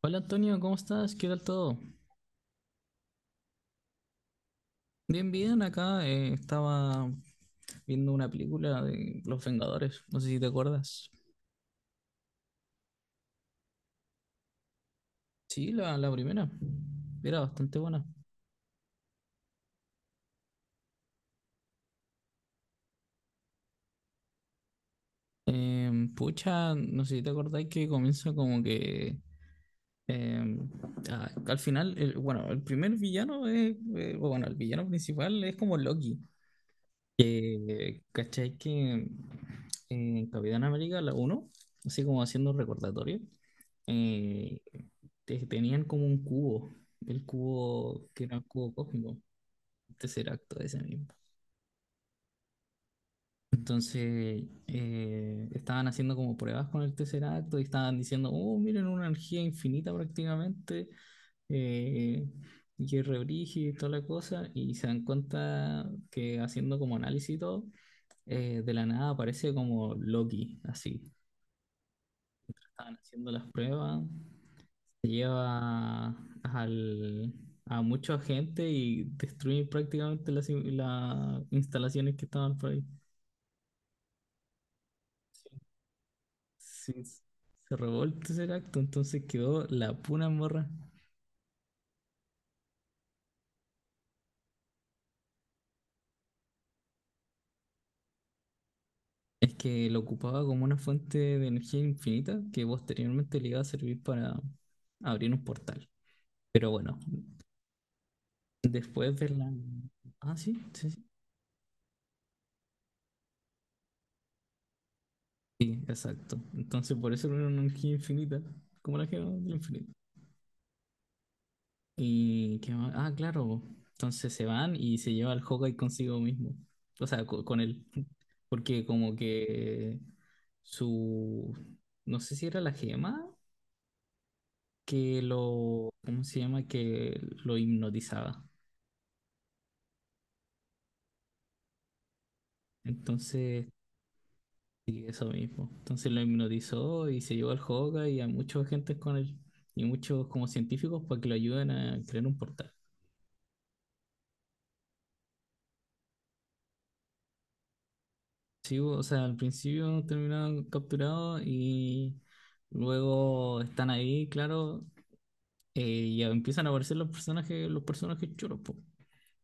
Hola Antonio, ¿cómo estás? ¿Qué tal todo? Bien, bien, acá estaba viendo una película de Los Vengadores, no sé si te acuerdas. Sí, la primera, era bastante buena. Pucha, no sé si te acordáis que comienza como que em, al final, bueno, el primer villano es, bueno, el villano principal es como Loki. Que, ¿cachai? Que en Capitán América, la uno así como haciendo un recordatorio, eh, tenían como un cubo, el cubo que era el cubo cósmico, Tesseracto ese mismo. Entonces, estaban haciendo como pruebas con el Tesseracto y estaban diciendo, oh, miren, una energía infinita prácticamente, eh, y que es re brígido y toda la cosa, y se dan cuenta que haciendo como análisis y todo, de la nada aparece como Loki, así. Estaban haciendo las pruebas, se lleva al, a mucha gente y destruye prácticamente las, las instalaciones que estaban por ahí. Sí, se revolta ese acto, entonces quedó la pura morra. Es que lo ocupaba como una fuente de energía infinita que posteriormente le iba a servir para abrir un portal. Pero bueno, después de la... Ah, sí, sí, sí. Sí, exacto. Entonces, por eso era una energía infinita, como la gema del infinito. ¿Y qué más? Ah, claro. Entonces se van y se lleva al Hawkeye consigo mismo. O sea, con él. Porque como que su... No sé si era la gema que lo... ¿Cómo se llama? Que lo hipnotizaba. Entonces, sí, eso mismo. Entonces lo hipnotizó y se llevó al Hawkeye y a muchos agentes con él. Y muchos como científicos para que lo ayuden a crear un portal. Sí, o sea, al principio terminaron capturados y luego están ahí, claro, y ya empiezan a aparecer los personajes chulos, po.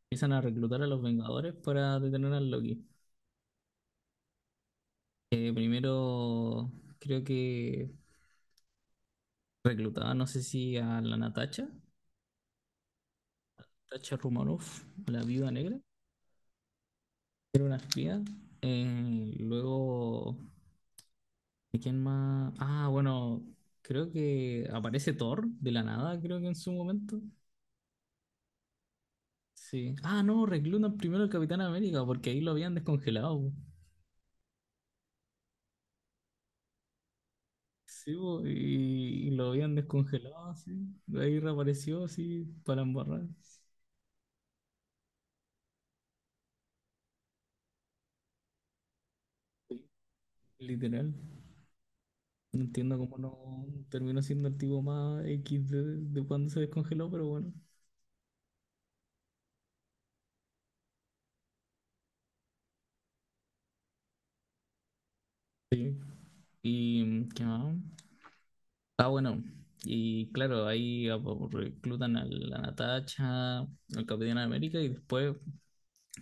Empiezan a reclutar a los Vengadores para detener al Loki. Primero creo que reclutaban, no sé si a la Natasha, Natasha Romanoff, la Viuda Negra, una espía. Luego, ¿y quién más? Ah, bueno, creo que aparece Thor de la nada, creo que en su momento. Sí. Ah, no, reclutan primero al Capitán América porque ahí lo habían descongelado, po. Sí, po, y lo habían descongelado, sí. Ahí reapareció, así, para embarrar. Literal. No entiendo cómo no terminó siendo el tipo más X de cuando se descongeló, pero bueno. ¿Y qué más? Ah, bueno. Y claro, reclutan a la Natasha, al Capitán América y después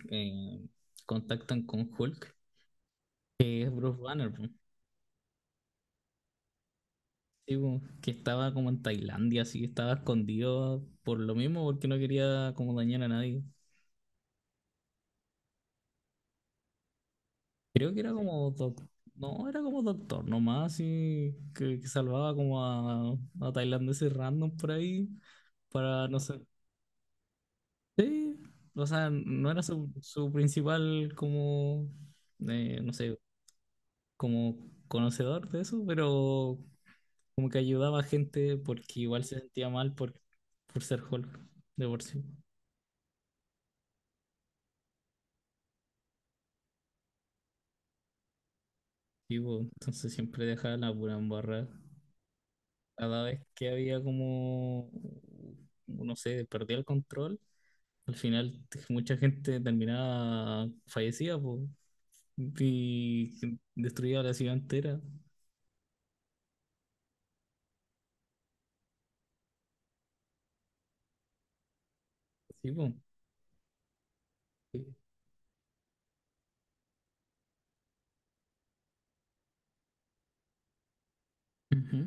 eh, contactan con Hulk, que es Bruce Banner, po. Sí, po, que estaba como en Tailandia, así que estaba escondido por lo mismo, porque no quería como dañar a nadie. Creo que era como doctor, no, era como doctor nomás, y que salvaba como a tailandeses random por ahí, para, no sé, sí, o sea, no era su, su principal como, no sé, como conocedor de eso, pero como que ayudaba a gente porque igual se sentía mal por ser Hulk, de por sí. Sí, po, entonces siempre dejaba la pura embarrada. Cada vez que había como, no sé, perdía el control, al final mucha gente terminaba fallecida, po, y destruía la ciudad entera. Sí, po. Ujú.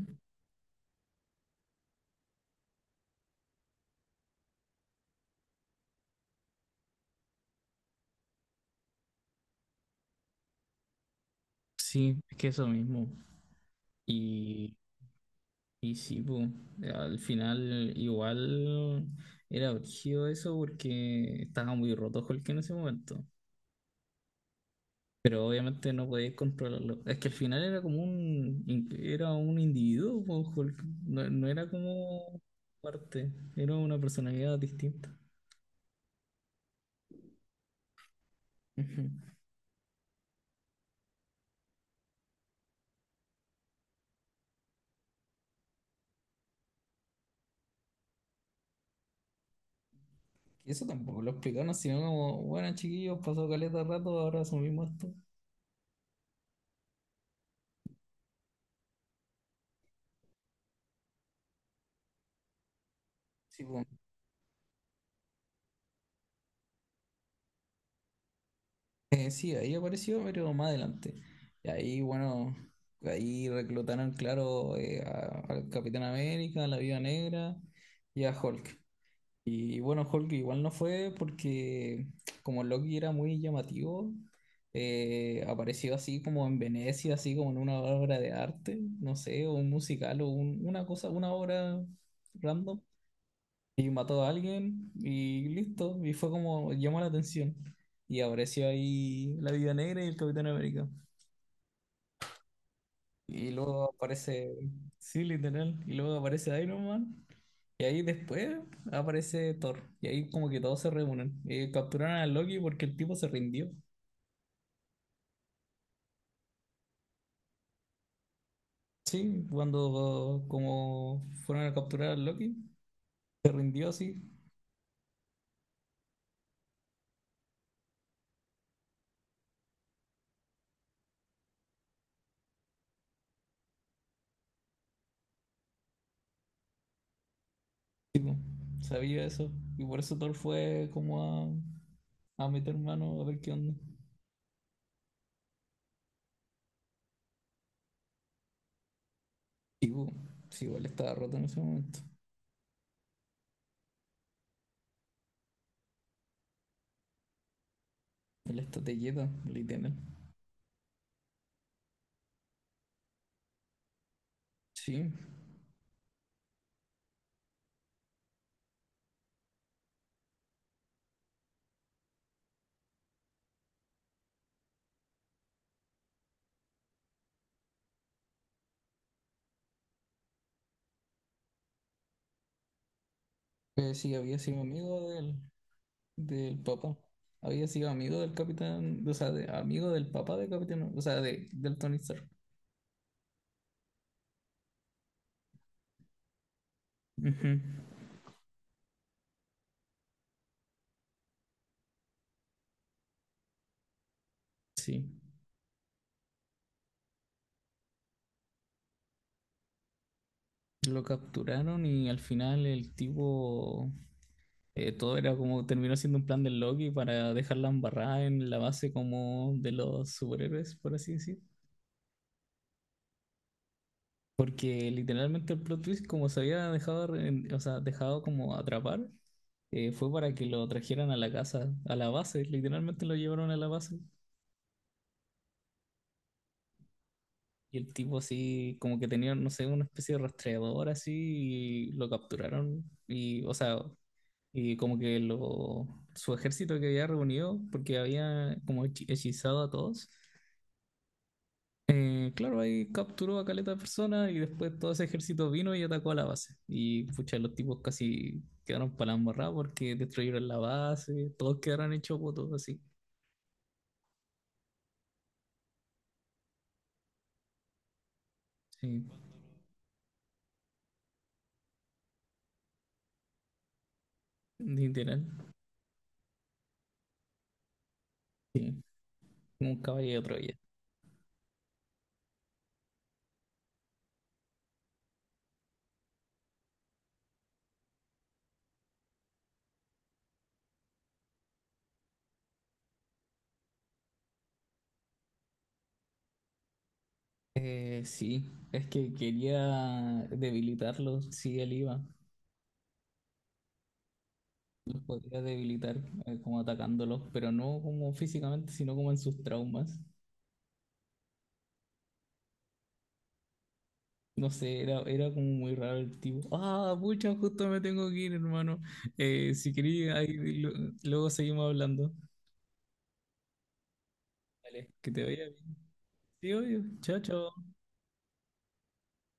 Sí, es que eso mismo. Y, y sí, po, al final igual era brígido eso porque estaba muy roto Hulk en ese momento. Pero obviamente no podéis controlarlo. Es que al final era como un, era un individuo, po, Hulk. No, no era como parte, era una personalidad distinta. Ujú. Eso tampoco lo explicaron, sino como, bueno, chiquillos, pasó caleta de rato, ahora asumimos esto. Sí, po. Sí, ahí apareció, pero más adelante. Y ahí, bueno, ahí reclutaron, claro, al Capitán América, a la Viuda Negra y a Hulk. Y bueno, Hulk igual no fue porque como Loki era muy llamativo, apareció así como en Venecia, así como en una obra de arte, no sé, o un musical o una cosa, una obra random. Y mató a alguien y listo, y fue como llamó la atención. Y apareció ahí la Viuda Negra y el Capitán América. Y luego aparece, sí, literal, y luego aparece Iron Man. Y ahí después aparece Thor. Y ahí como que todos se reúnen. Capturaron a Loki porque el tipo se rindió. Sí, cuando como fueron a capturar a Loki, se rindió así. Tipo, sabía eso. Y por eso Thor fue como a meter mano a ver qué onda. Tipo, sí, igual estaba roto en ese momento. Él está telleta, literal. Sí, sí, había sido amigo de él, del Papa. Había sido amigo del capitán, o sea, de, amigo del papá del capitán, o sea, de, del Tony Stark. Ujú. Sí, lo capturaron y al final el tipo, todo era como, terminó siendo un plan del Loki para dejarla embarrada en la base como de los superhéroes, por así decir. Porque literalmente el plot twist, como se había dejado, o sea, dejado como atrapar, fue para que lo trajeran a la casa, a la base, literalmente lo llevaron a la base. Y el tipo así, como que tenía, no sé, una especie de rastreador así, y lo capturaron. Y, o sea, y como que lo, su ejército que había reunido, porque había como hechizado a todos. Eh, claro, ahí capturó a caleta de personas y después todo ese ejército vino y atacó a la base. Y pucha, los tipos casi quedaron para la embarrada porque destruyeron la base, todos quedaron hechos votos así. Sí, literal. Sí, como un caballo de Troya. Sí, es que quería debilitarlos, sí, él iba, los podía debilitar como atacándolos, pero no como físicamente, sino como en sus traumas. No sé, era, era como muy raro el tipo. Ah, pucha, justo me tengo que ir, hermano. Si quería, luego seguimos hablando. Vale, que te vaya bien. Sí, obvio. Chao, chao.